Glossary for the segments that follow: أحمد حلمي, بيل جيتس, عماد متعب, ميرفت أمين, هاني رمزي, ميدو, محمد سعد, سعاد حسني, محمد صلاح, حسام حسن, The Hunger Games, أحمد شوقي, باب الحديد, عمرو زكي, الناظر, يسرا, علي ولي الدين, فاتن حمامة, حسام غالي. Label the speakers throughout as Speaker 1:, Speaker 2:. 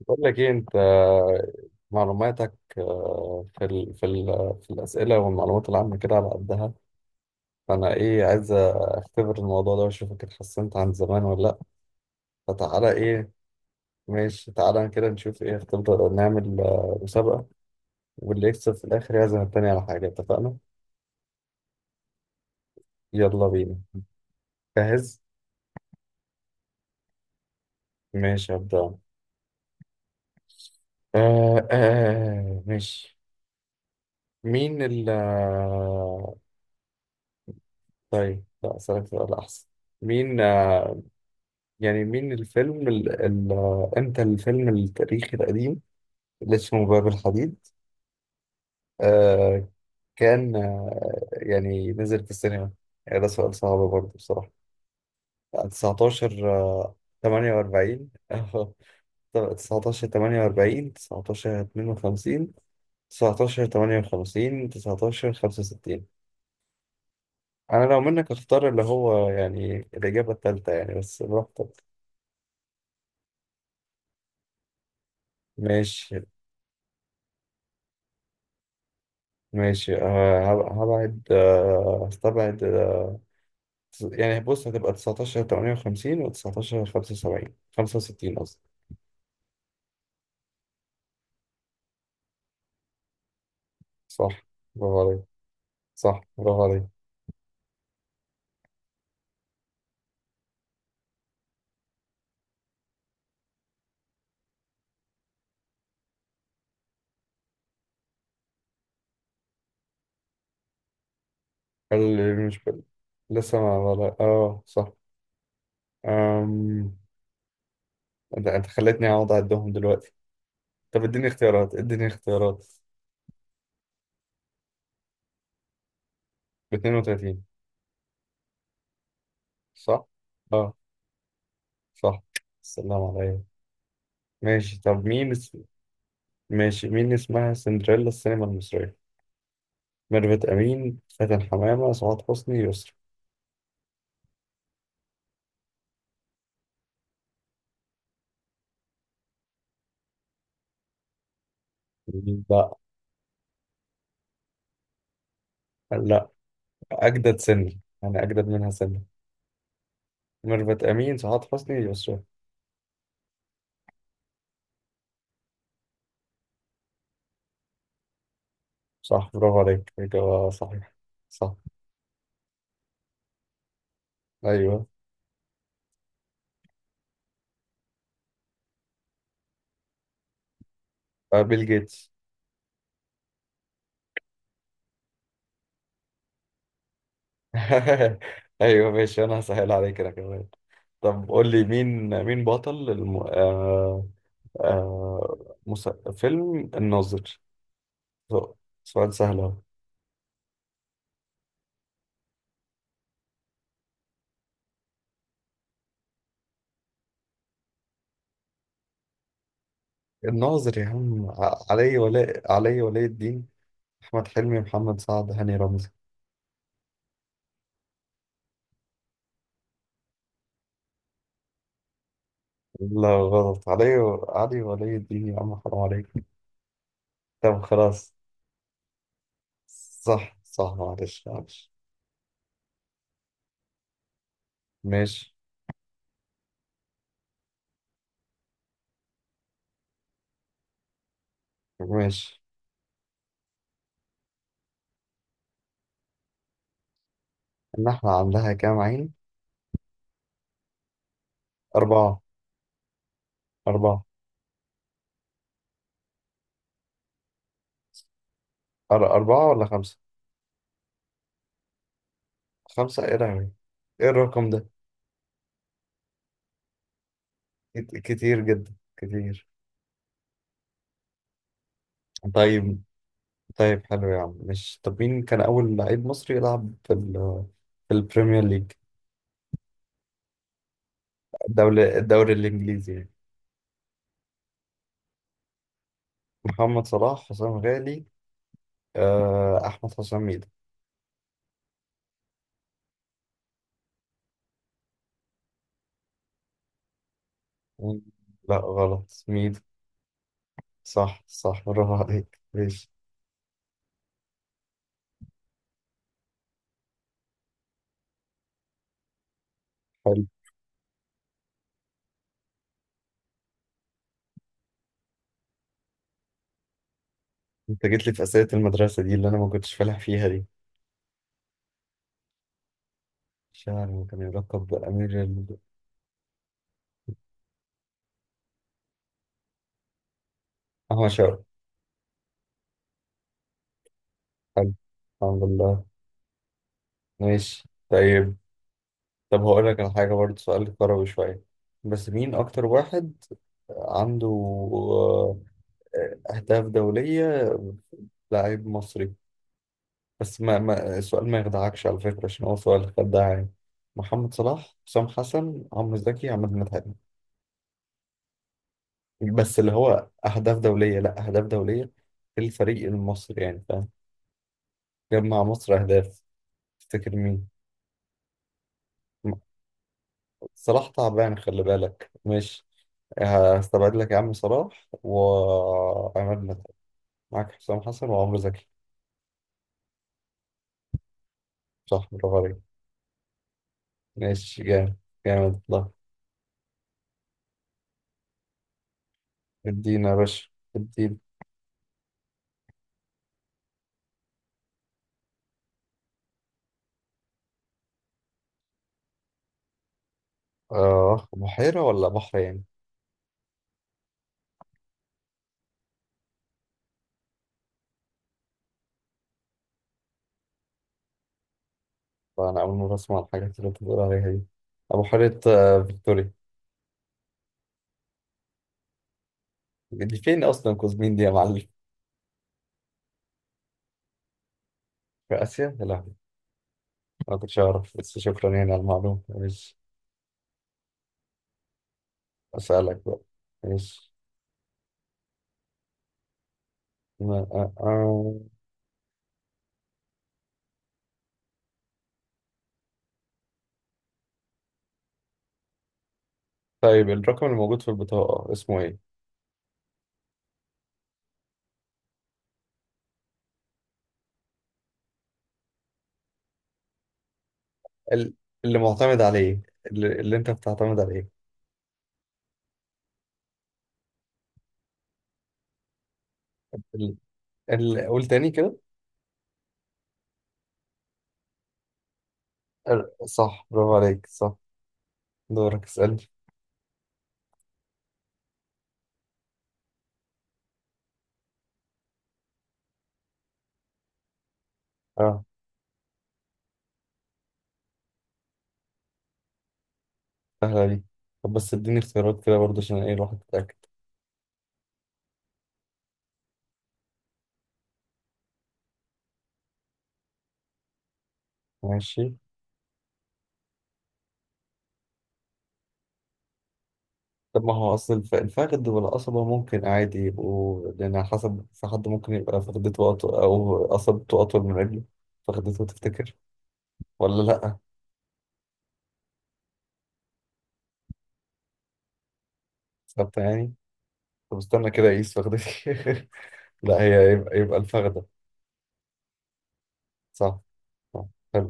Speaker 1: بقول لك ايه انت معلوماتك. في الاسئله والمعلومات العامه كده على قدها. فانا ايه عايز اختبر الموضوع ده واشوفك اتحسنت عن زمان ولا لا. فتعالى ايه. ماشي تعالى كده نشوف ايه اختبر. نعمل مسابقه، واللي يكسب في الاخر يعزم التاني على حاجه. اتفقنا؟ يلا بينا. جاهز. ماشي هبدأ. ماشي. مين ال آه، طيب لا اسالك سؤال احسن. مين آه، يعني مين الفيلم ال... ال... امتى الفيلم التاريخي القديم اللي اسمه باب الحديد، آه، كان يعني نزل في السينما؟ يعني ده سؤال صعب برضه بصراحة. 19 48. 19 48، 19 52، 19 58، 19 65؟ أنا لو منك أختار اللي هو يعني الإجابة التالتة يعني، بس براحتك. ماشي. ماشي. هبعد، هستبعد. يعني بص هتبقى 19 58 و 19 75، 65 قصدي. صح. برافو عليك. صح برافو عليك. اللي مش بل-. لسه ما ولا، اه صح. أم... انت خلتني اقعد اعدهم دلوقتي. طب اديني اختيارات، اديني اختيارات. ب 32. صح. اه صح. السلام عليكم. ماشي. طب مين اس-. ماشي مين اسمها سندريلا السينما المصرية؟ ميرفت أمين، فاتن حمامة، سعاد حسني، يسرا. لا. لا. أجدد سني، أنا أجدد منها سنة. ميرفت أمين، سعاد حسني، يسرا. صح برافو عليك. إجابة صحيحة. صح. أيوه. بيل جيتس. أيوه ماشي، أنا هسهل عليك أنا كمان. طب قول لي مين. مين بطل الم... آه... آه... مس... فيلم الناظر؟ سؤال سهل أهو. الناظر يا عم علي ولاء، علي ولي الدين، أحمد حلمي، محمد سعد، هاني رمزي. لا غلط. علي، علي ولي الدين يا عم، حرام عليك. طب خلاص. صح صح، معلش معلش. ماشي. ماشي. النحلة عندها كام عين؟ أربعة. أربعة. أربعة ولا خمسة؟ خمسة إيه لهوي. إيه الرقم ده؟ كتير جدا، كتير. طيب. طيب حلو يا عم. مش، طب مين كان أول لعيب مصري يلعب في ال في البريمير ليج؟ الدولة، الدوري الإنجليزي يعني. محمد صلاح، حسام غالي، أحمد حسام ميدو. مم. لا غلط، ميدو. صح صح برافو عليك. ماشي. حلو. أنت جيت لي في أسئلة المدرسة دي اللي أنا ما كنتش فالح فيها دي. شاعر كان يلقب بأمير ال-. أحمد شوقي. حلو. الحمد لله. ماشي. طيب. طب هقول لك على حاجة برضه، سؤال كروي شوية. بس مين أكتر واحد عنده أهداف دولية، لاعب مصري؟ بس ما السؤال ما يخدعكش على فكرة، عشان هو سؤال خداع يعني. محمد صلاح، حسام حسن، عمرو زكي، عماد متعب. بس اللي هو أهداف دولية، لا أهداف دولية في الفريق المصري يعني، فاهم؟ جاب مع مصر أهداف. تفتكر مين؟ م- صلاح تعبان خلي بالك، مش. هستبعد لك يا عم صلاح وعماد متعب. معاك حسام حسن وعمرو زكي. صح برافو عليك. ماشي جامد. جامد والله. ادينا يا باشا. ادينا. آه، بحيرة ولا بحر يعني؟ فأنا أول مرة أسمع الحاجات اللي أنت بتقول عليها دي. أبحيرة فيكتوريا. دي فين أصلا كوزمين دي يا معلم؟ في آسيا؟ يا لهوي. ما كنتش أعرف، بس شكرا يعني على المعلومة. ماشي. أسألك بقى. ماشي. ما- آه، آه. طيب الرقم اللي موجود في البطاقة اسمه إيه؟ ال-. اللي معتمد عليه. اللي أنت بتعتمد عليه. ال-. ال- قول تاني كده. ال- صح برافو عليك. صح. دورك اسألني. أه. سهلة دي. طب بس اديني اختيارات كده برضه عشان إيه الواحد يتأكد. ماشي. طب ما هو أصل الفخذ والقصبة ممكن عادي يبقوا، لأن على حسب، في حد ممكن يبقى فخدته أطول أو قصبته أطول من رجله. فخدته تفتكر ولا لأ؟ ثابتة يعني. طب استنى كده أقيس فخدتي. لأ هي يبقى الفخدة. صح. صح. حلو.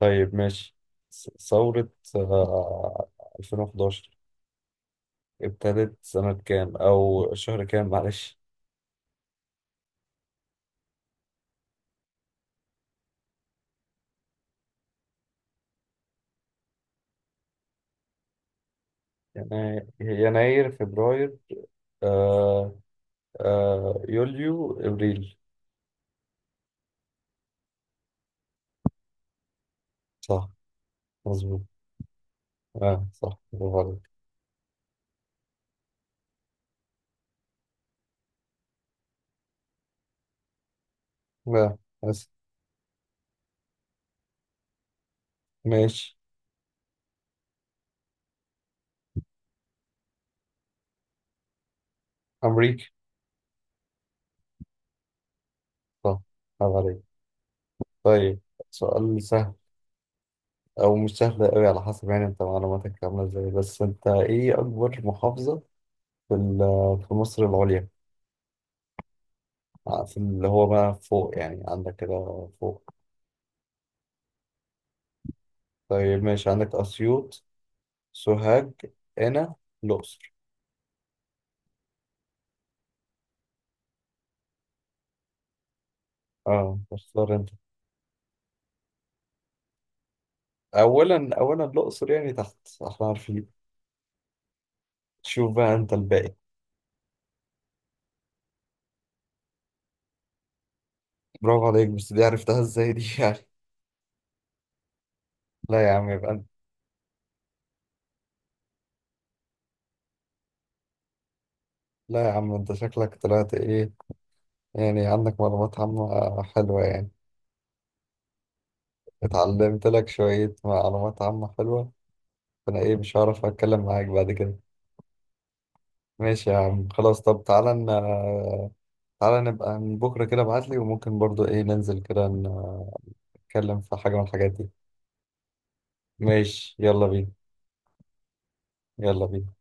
Speaker 1: طيب ماشي. ثورة آه، 2011 ابتدت سنة كام أو شهر كام، معلش؟ يناير يناير، فبراير، آه آه يوليو، إبريل. صح. مظبوط. اه صح برافو عليك. لا، بس ماشي. أمريكا. صح. برافو عليك. طيب. سؤال سهل، أو مش سهل أوي على حسب يعني أنت معلوماتك عاملة إزاي. بس أنت إيه أكبر محافظة في ال- في مصر العليا، في اللي هو بقى فوق، يعني عندك كده فوق؟ طيب ماشي، عندك أسيوط، سوهاج، قنا، الأقصر. اه اختار أنت. أولا الأقصر يعني تحت، احنا عارفين. شوف بقى أنت الباقي. برافو عليك، بس دي عرفتها إزاي دي؟ لا يا عم، يبقى انت. لا يا عم انت شكلك طلعت ايه، يعني عندك معلومات عامة حلوة يعني. اتعلمت لك شوية معلومات عامة حلوة. فانا ايه مش هعرف اتكلم معاك بعد كده. ماشي يا عم خلاص. طب تعالى تعالى نبقى من بكرة كده ابعتلي، وممكن برضو ايه ننزل كده نتكلم في حاجة من الحاجات دي. ماشي يلا بينا. يلا بينا.